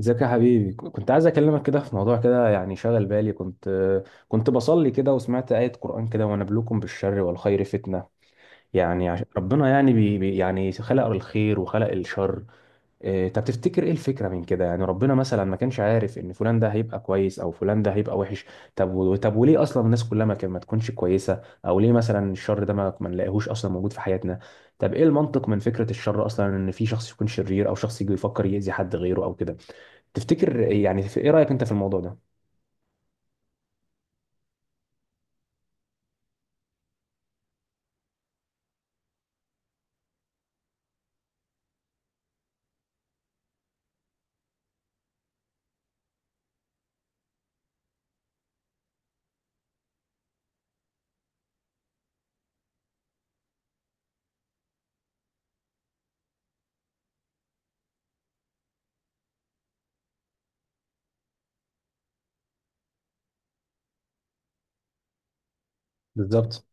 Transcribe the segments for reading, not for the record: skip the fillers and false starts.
ازيك يا حبيبي، كنت عايز اكلمك كده في موضوع كده، يعني شغل بالي. كنت بصلي كده، وسمعت آية قرآن كده: ونبلوكم بالشر والخير فتنة. يعني ربنا يعني يعني خلق الخير وخلق الشر. إيه، طب تفتكر ايه الفكرة من كده؟ يعني ربنا مثلا ما كانش عارف ان فلان ده هيبقى كويس او فلان ده هيبقى وحش؟ طب طب وليه اصلا الناس كلها ما تكونش كويسة؟ او ليه مثلا الشر ده ما نلاقيهوش اصلا موجود في حياتنا؟ طب ايه المنطق من فكرة الشر اصلا، ان في شخص يكون شرير او شخص يجي يفكر يأذي حد غيره او كده؟ تفتكر يعني ايه رأيك انت في الموضوع ده؟ بالظبط.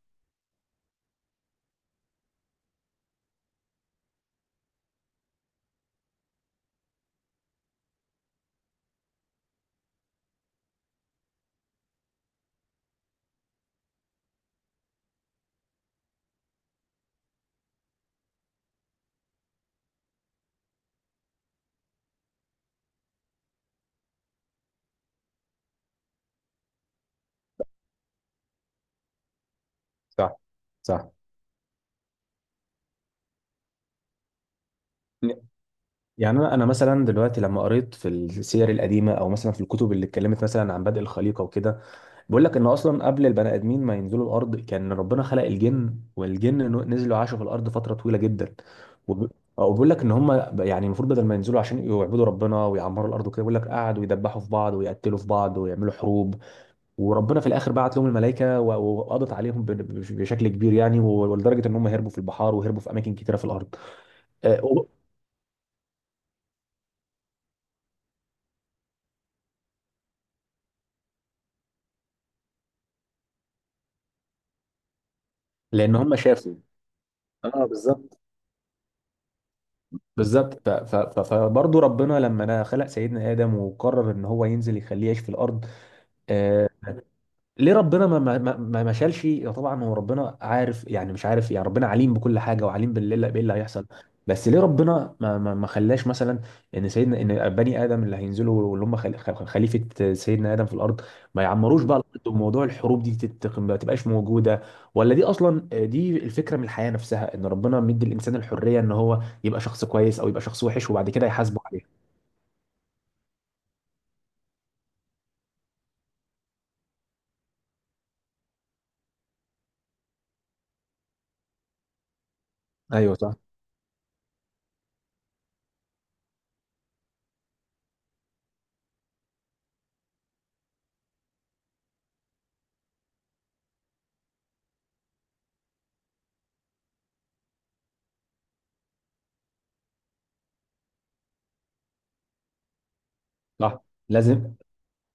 صح. صح. يعني انا مثلا دلوقتي، لما قريت في السير القديمه او مثلا في الكتب اللي اتكلمت مثلا عن بدء الخليقه وكده، بيقول لك ان اصلا قبل البني ادمين ما ينزلوا الارض كان ربنا خلق الجن، والجن نزلوا عاشوا في الارض فتره طويله جدا. وب- وبيقول لك ان هم يعني المفروض بدل ما ينزلوا عشان يعبدوا ربنا ويعمروا الارض وكده، بيقول لك قعدوا يدبحوا في بعض ويقتلوا في بعض ويعملوا حروب. وربنا في الاخر بعت لهم الملائكه و- و- وقضت عليهم بشكل كبير يعني، ولدرجه ان هم هربوا في البحار وهربوا في اماكن كتيره في الارض. آه. لان هم شافوا. اه، بالظبط. بالظبط. فبرضه ربنا لما أنا خلق سيدنا ادم وقرر ان هو ينزل يخليه يعيش في الارض. آه، ليه ربنا ما شالش؟ يا طبعا هو ربنا عارف، يعني مش عارف، يعني ربنا عليم بكل حاجه وعليم باللي بايه اللي هيحصل. بس ليه ربنا ما خلاش مثلا، ان بني ادم اللي هينزلوا، اللي هم خليفه سيدنا ادم في الارض، ما يعمروش بقى الارض وموضوع الحروب دي ما تبقاش موجوده؟ ولا دي اصلا، دي الفكره من الحياه نفسها، ان ربنا مدي الانسان الحريه ان هو يبقى شخص كويس او يبقى شخص وحش وبعد كده يحاسبه عليها؟ ايوه، صح. صح. لازم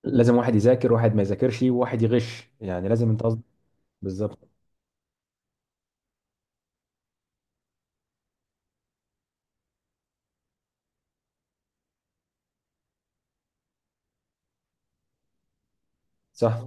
لازم واحد يذاكر واحد ما يذاكرش وواحد يغش يعني لازم انت بالظبط صح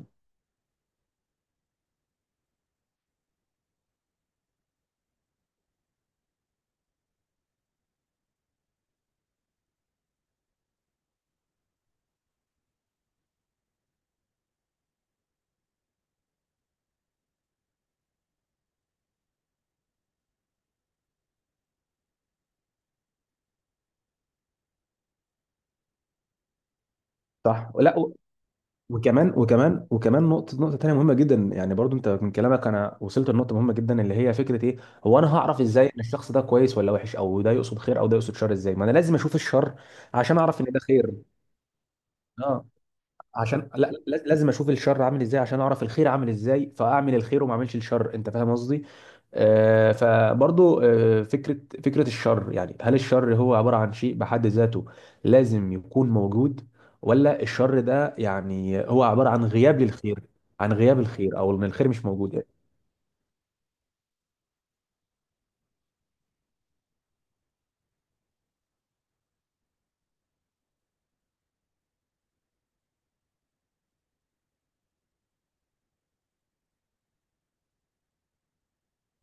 صح لا. وكمان نقطة تانية مهمة جدا يعني، برضو انت من كلامك انا وصلت لنقطة مهمة جدا، اللي هي فكرة ايه؟ هو انا هعرف ازاي ان الشخص ده كويس ولا وحش؟ او ده يقصد خير او ده يقصد شر؟ ازاي؟ ما انا لازم اشوف الشر عشان اعرف ان ده خير. اه، عشان لازم اشوف الشر عامل ازاي عشان اعرف الخير عامل ازاي، فاعمل الخير وما اعملش الشر. انت فاهم قصدي؟ فبرضو، فكره الشر، يعني هل الشر هو عباره عن شيء بحد ذاته لازم يكون موجود؟ ولا الشر ده يعني هو عباره عن غياب الخير، او ان الخير مش موجود يعني.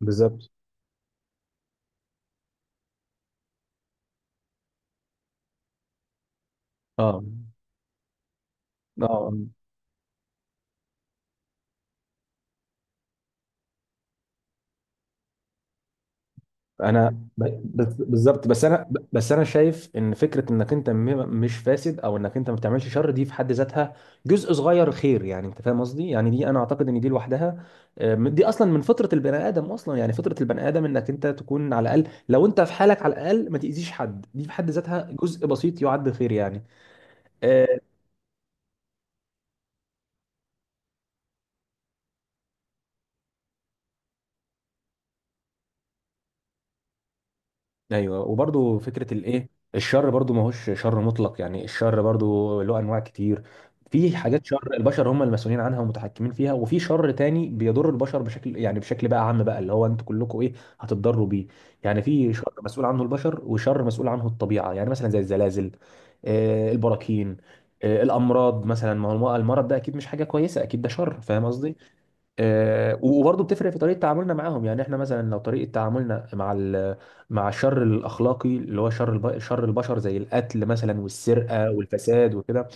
بالظبط. اه. اه. انا بالظبط، بس انا شايف ان فكره انك انت مش فاسد او انك انت ما بتعملش شر، دي في حد ذاتها جزء صغير خير يعني، انت فاهم قصدي؟ يعني دي انا اعتقد ان دي لوحدها، دي اصلا من فطره البني ادم اصلا، يعني فطره البني ادم انك انت تكون على الاقل، لو انت في حالك على الاقل ما تاذيش حد، دي في حد ذاتها جزء بسيط يعد خير يعني. آه، ايوه، وبرضو فكره الايه، الشر برضو ما هوش شر مطلق، يعني الشر برضو له انواع كتير. في حاجات شر البشر هم المسؤولين عنها ومتحكمين فيها، وفي شر تاني بيضر البشر بشكل، يعني بشكل بقى عام بقى، اللي هو انتوا كلكم ايه، هتتضروا بيه. يعني في شر مسؤول عنه البشر وشر مسؤول عنه الطبيعه، يعني مثلا زي الزلازل، البراكين، الامراض مثلا، ما هو المرض ده اكيد مش حاجه كويسه، اكيد ده شر، فاهم قصدي؟ وبرضه بتفرق في طريقه تعاملنا معاهم، يعني احنا مثلا لو طريقه تعاملنا مع الشر الاخلاقي، اللي هو شر البشر، زي القتل مثلا والسرقه والفساد وكده،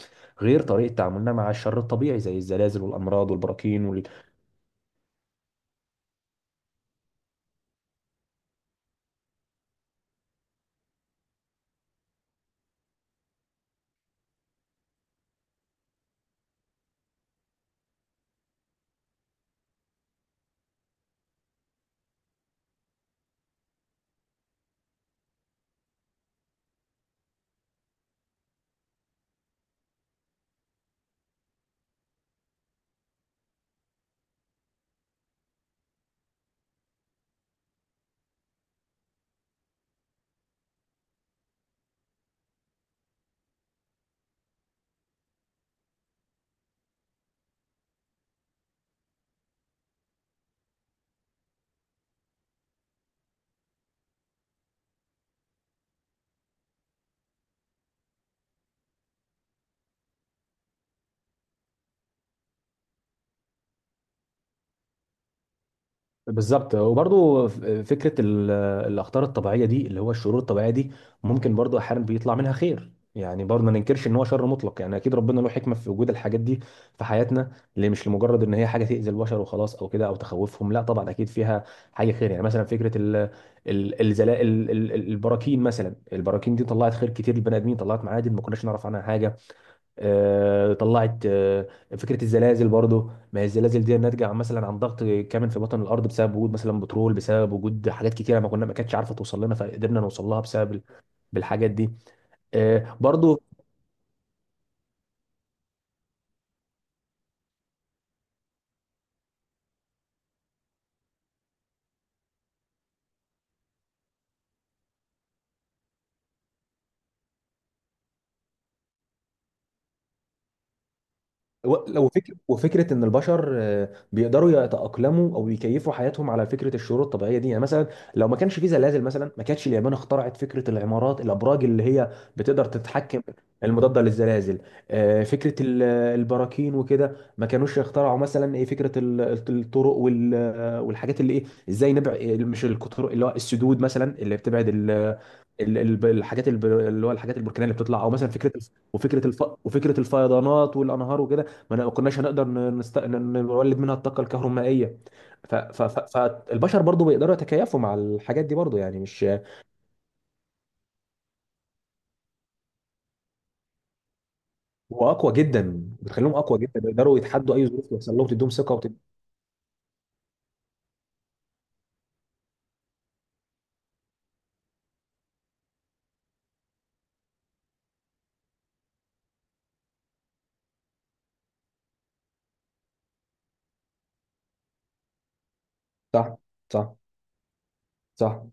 غير طريقه تعاملنا مع الشر الطبيعي زي الزلازل والامراض والبراكين. بالظبط، وبرضو فكره الاخطار الطبيعيه دي، اللي هو الشرور الطبيعيه دي ممكن برضو احيانا بيطلع منها خير، يعني برضو ما ننكرش ان هو شر مطلق يعني، اكيد ربنا له حكمه في وجود الحاجات دي في حياتنا، اللي مش لمجرد ان هي حاجه تاذي البشر وخلاص او كده او تخوفهم، لا طبعا اكيد فيها حاجه خير يعني، مثلا فكره البراكين، مثلا البراكين دي طلعت خير كتير للبني ادمين، طلعت معادن ما كناش نعرف عنها حاجه. آه، طلعت آه، فكره الزلازل برضو، ما هي الزلازل دي ناتجه مثلا عن ضغط كامل في بطن الارض بسبب وجود مثلا بترول، بسبب وجود حاجات كتيره ما كانتش عارفه توصل لنا فقدرنا نوصل لها بسبب بالحاجات دي. برضو لو فكرة وفكرة إن البشر بيقدروا يتأقلموا أو يكيفوا حياتهم على فكرة الشروط الطبيعية دي، يعني مثلا لو ما كانش في زلازل مثلا ما كانتش اليابان اخترعت فكرة العمارات الأبراج اللي هي بتقدر تتحكم، المضادة للزلازل. فكرة البراكين وكده، ما كانوش يخترعوا مثلا إيه فكرة الطرق والحاجات اللي إيه، إزاي نبعد؟ مش الطرق، اللي هو السدود مثلا اللي بتبعد الحاجات اللي هو الحاجات البركانيه اللي بتطلع، او مثلا فكره وفكره الفيضانات والانهار وكده، ما كناش هنقدر نولد منها الطاقه الكهرومائيه. فالبشر برضو بيقدروا يتكيفوا مع الحاجات دي برضو، يعني مش، واقوى جدا، بتخليهم اقوى جدا بيقدروا يتحدوا اي ظروف يحصل لهم، تديهم ثقه. صح. صح. صح.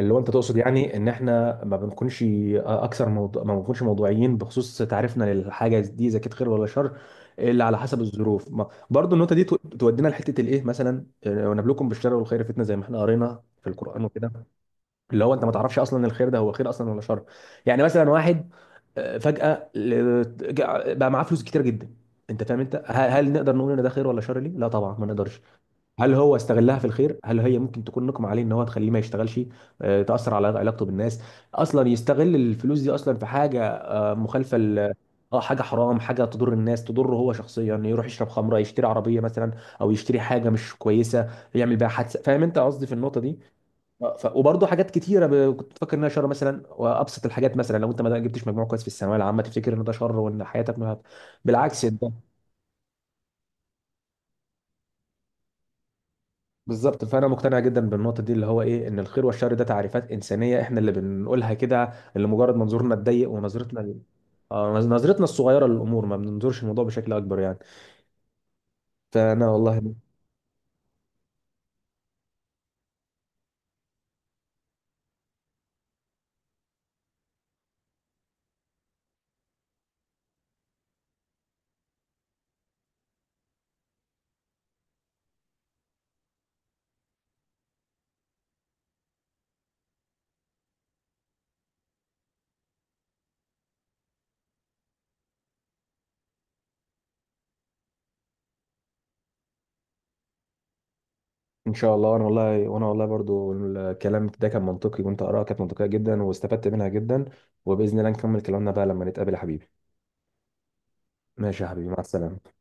اللي هو انت تقصد يعني ان احنا ما بنكونش موضوعيين بخصوص تعريفنا للحاجه دي اذا كانت خير ولا شر الا على حسب الظروف ما... برضو النقطه دي تودينا لحته الايه مثلا، ونبلوكم بالشر والخير فتنه، زي ما احنا قرينا في القران وكده. اللي هو انت ما تعرفش اصلا الخير ده هو خير اصلا ولا شر. يعني مثلا واحد فجأة بقى معاه فلوس كتير جدا، انت فاهم؟ انت هل نقدر نقول ان ده خير ولا شر؟ ليه؟ لا طبعا ما نقدرش. هل هو استغلها في الخير؟ هل هي ممكن تكون نقمة عليه ان هو تخليه ما يشتغلش، تأثر على علاقته بالناس؟ اصلا يستغل الفلوس دي اصلا في حاجة مخالفة، اه، حاجة حرام، حاجة تضر الناس، تضره هو شخصيا، يروح يشرب خمرة، يشتري عربية مثلا او يشتري حاجة مش كويسة يعمل بيها حادثة، فاهم انت قصدي في النقطة دي؟ وبرضه حاجات كتيره كنت بفكر انها شر، مثلا وابسط الحاجات، مثلا لو انت ما جبتش مجموع كويس في الثانويه العامه تفتكر ان ده شر وان حياتك ما... بالعكس، ده بالظبط. فانا مقتنع جدا بالنقطه دي، اللي هو ايه، ان الخير والشر ده تعريفات انسانيه احنا اللي بنقولها كده، اللي مجرد منظورنا الضيق ونظرتنا نظرتنا الصغيره للامور، ما بننظرش الموضوع بشكل اكبر يعني. فانا والله، ان شاء الله، انا والله، وانا والله برضو الكلام ده كان منطقي، وانت اراءك كانت منطقيه جدا واستفدت منها جدا، وباذن الله نكمل كلامنا بقى لما نتقابل يا حبيبي. ماشي يا حبيبي، مع السلامة.